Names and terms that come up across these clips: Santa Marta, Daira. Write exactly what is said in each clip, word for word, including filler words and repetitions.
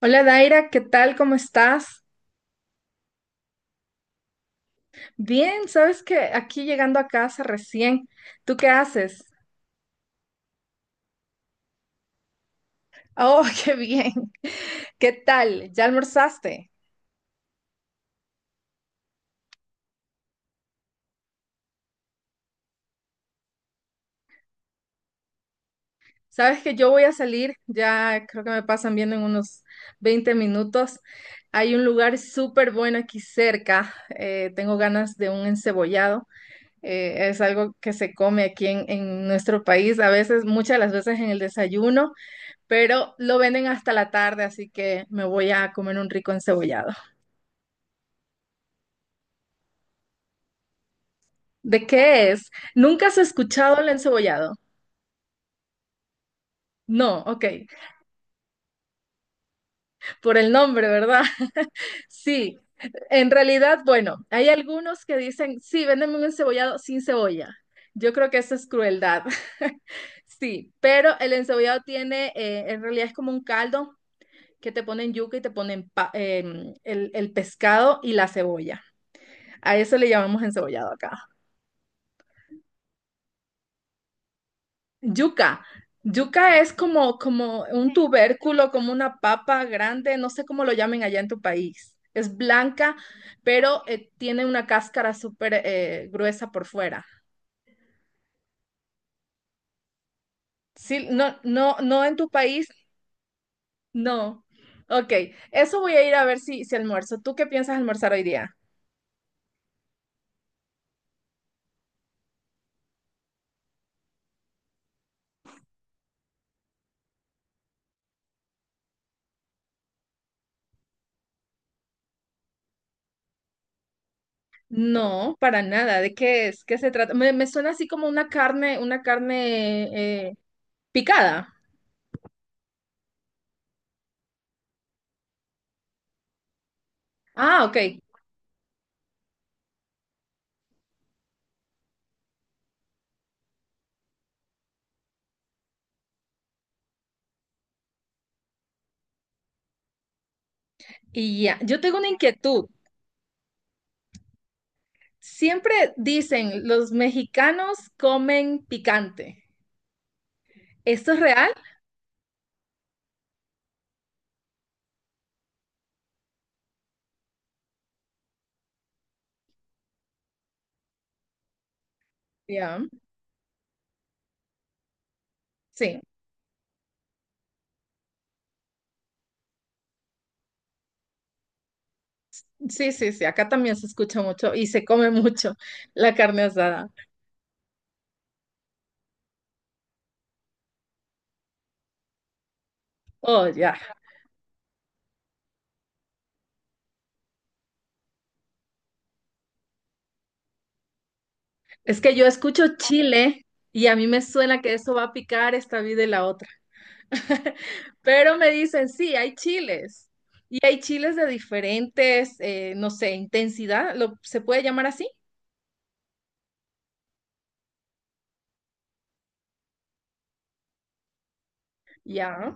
Hola Daira, ¿qué tal? ¿Cómo estás? Bien, sabes que aquí llegando a casa recién. ¿Tú qué haces? Oh, qué bien. ¿Qué tal? ¿Ya almorzaste? Sabes que yo voy a salir, ya creo que me pasan viendo en unos veinte minutos. Hay un lugar súper bueno aquí cerca. Eh, tengo ganas de un encebollado. Eh, es algo que se come aquí en, en nuestro país, a veces, muchas de las veces en el desayuno. Pero lo venden hasta la tarde, así que me voy a comer un rico encebollado. ¿De qué es? ¿Nunca has escuchado el encebollado? No, ok, por el nombre, ¿verdad? Sí, en realidad, bueno, hay algunos que dicen, sí, véndeme un encebollado sin cebolla. Yo creo que eso es crueldad. Sí, pero el encebollado tiene, eh, en realidad es como un caldo que te ponen yuca y te ponen pa- em, el, el pescado y la cebolla. A eso le llamamos encebollado acá. Yuca. Yuca es como, como un tubérculo, como una papa grande, no sé cómo lo llamen allá en tu país. Es blanca, pero eh, tiene una cáscara súper eh, gruesa por fuera. Sí, no, no, no en tu país, no. Ok, eso voy a ir a ver si, si almuerzo. ¿Tú qué piensas almorzar hoy día? No, para nada. ¿De qué es? ¿Qué se trata? Me, me suena así como una carne, una carne eh, picada. Ah, ok. Y ya, yo tengo una inquietud. Siempre dicen, los mexicanos comen picante. ¿Esto es real? Ya, sí, sí, sí, sí. Acá también se escucha mucho y se come mucho la carne asada. Oh, ya. Es que yo escucho chile y a mí me suena que eso va a picar esta vida y la otra. Pero me dicen, sí, hay chiles. Y hay chiles de diferentes, eh, no sé, intensidad. ¿Lo, se puede llamar así? Ya,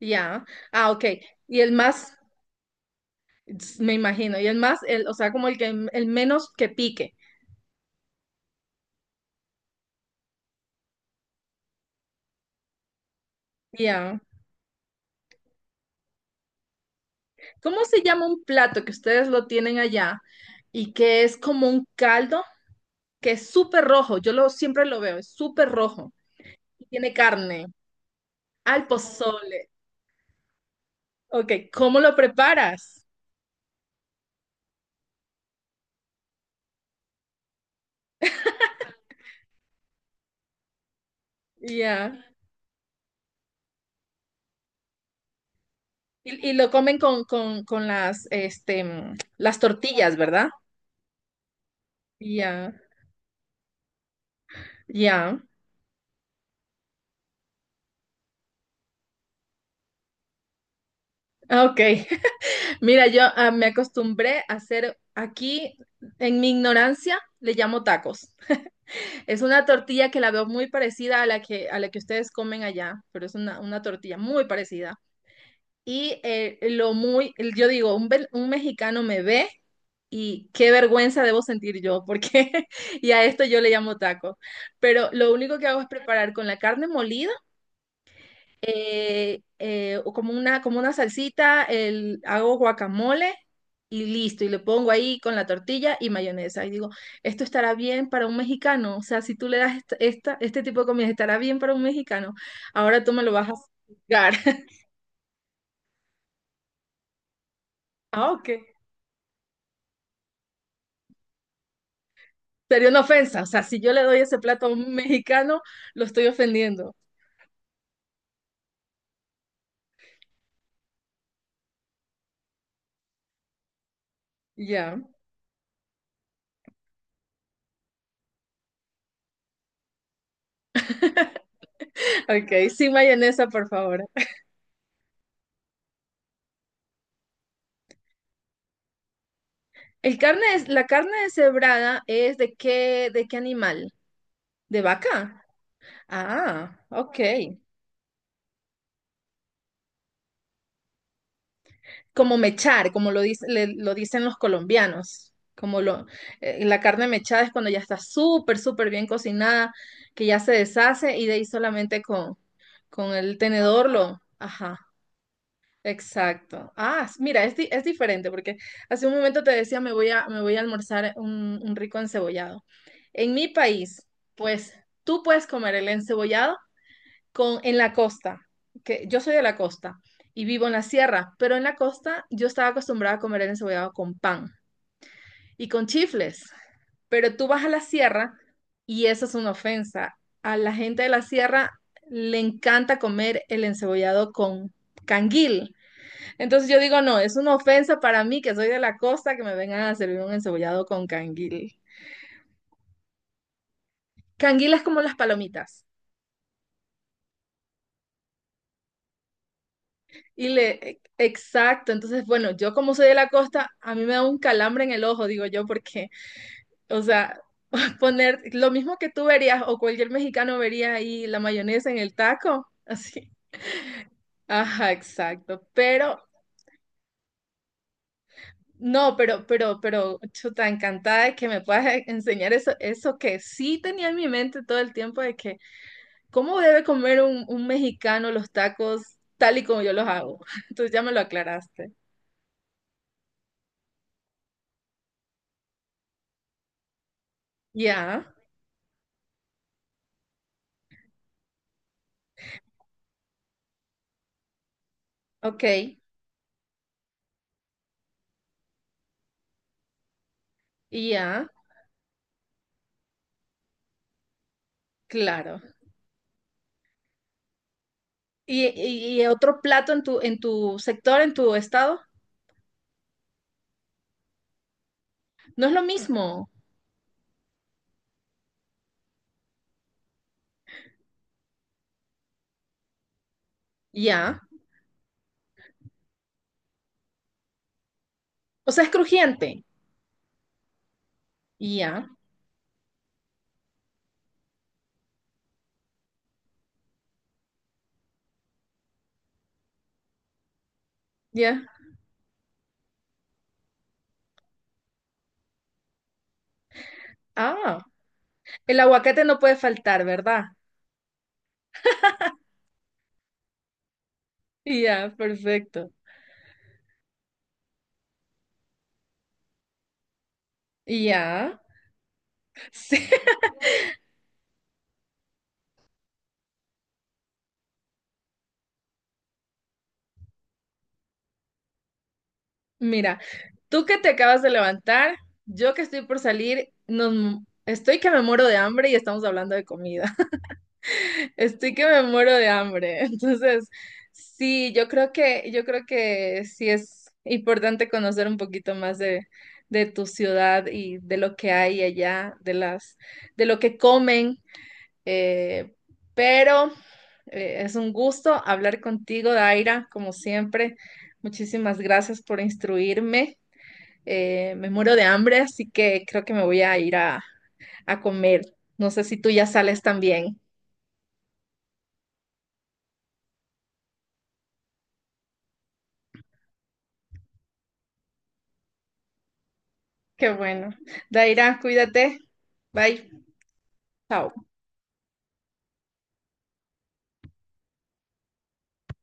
ya. Ah, ok. Y el más s- me imagino. Y el más, el, o sea, como el que el menos que pique. Ya. ¿Cómo se llama un plato que ustedes lo tienen allá y que es como un caldo que es súper rojo? Yo lo siempre lo veo, es súper rojo. Y tiene carne, al pozole. Ok, ¿cómo lo preparas? Ya. Y, y lo comen con, con, con las, este, mm, las tortillas, ¿verdad? Ya, ya. Ah, ok. Mira, yo ah, me acostumbré a hacer aquí, en mi ignorancia, le llamo tacos. Es una tortilla que la veo muy parecida a la que, a la que ustedes comen allá, pero es una, una tortilla muy parecida. Y eh, lo muy, el- yo digo, un, ve- un mexicano me ve y qué vergüenza debo sentir yo, porque y a esto yo le llamo taco. Pero lo único que hago es preparar con la carne molida eh, eh, o como una, como una salsita, el, hago guacamole y listo, y le pongo ahí con la tortilla y mayonesa. Y digo, esto estará bien para un mexicano, o sea, si tú le das esta, esta- este tipo de comida, estará bien para un mexicano, ahora tú me lo vas a juzgar. Ah, ok. Sería una ofensa, o sea, si yo le doy ese plato a un mexicano, lo estoy ofendiendo. Ya, ok, sin mayonesa, por favor. El carne es, la carne deshebrada es de qué, ¿de qué animal? ¿De vaca? Ah, ok. Como mechar, como lo, dice- le- lo dicen los colombianos. Como lo, eh, la carne mechada es cuando ya está súper, súper bien cocinada, que ya se deshace y de ahí solamente con, con el tenedor lo... Ajá, exacto. Ah, s- mira, es, di- es diferente porque hace un momento te decía me voy a, me voy a almorzar un, un rico encebollado. En mi país, pues tú puedes comer el encebollado con, en la costa, que yo soy de la costa y vivo en la sierra, pero en la costa yo estaba acostumbrada a comer el encebollado con pan y con chifles, pero tú vas a la sierra y eso es una ofensa. A la gente de la sierra le encanta comer el encebollado con canguil. Entonces yo digo, no, es una ofensa para mí que soy de la costa que me vengan a servir un encebollado con canguil. Canguil es como las palomitas. Y le, e, exacto, entonces, bueno, yo como soy de la costa, a mí me da un calambre en el ojo, digo yo, porque, o sea, poner lo mismo que tú verías o cualquier mexicano vería ahí la mayonesa en el taco, así. Ajá, exacto, pero, no, pero, pero, pero, chuta, encantada de que me puedas e- enseñar eso, eso que sí tenía en mi mente todo el tiempo de que, ¿cómo debe comer un, un mexicano los tacos tal y como yo los hago? Entonces ya me lo aclaraste. Ya, ok, ya. Claro. ¿Y, y- y otro plato en tu, en tu sector, en tu estado? No es lo mismo. Ya. O sea, es crujiente. Ya, ya. Ah, el aguacate no puede faltar, ¿verdad? Ya, perfecto. Ya. Sí. Mira, tú que te acabas de levantar, yo que estoy por salir, nos, estoy que me muero de hambre y estamos hablando de comida. Estoy que me muero de hambre. Entonces, sí, yo creo que, yo creo que sí es importante conocer un poquito más de, de tu ciudad y de lo que hay allá, de las, de lo que comen. eh, pero eh, es un gusto hablar contigo, Daira, como siempre. Muchísimas gracias por instruirme. Eh, me muero de hambre, así que creo que me voy a ir a, a comer. No sé si tú ya sales también. Qué bueno. Daira, cuídate. Bye. Chao.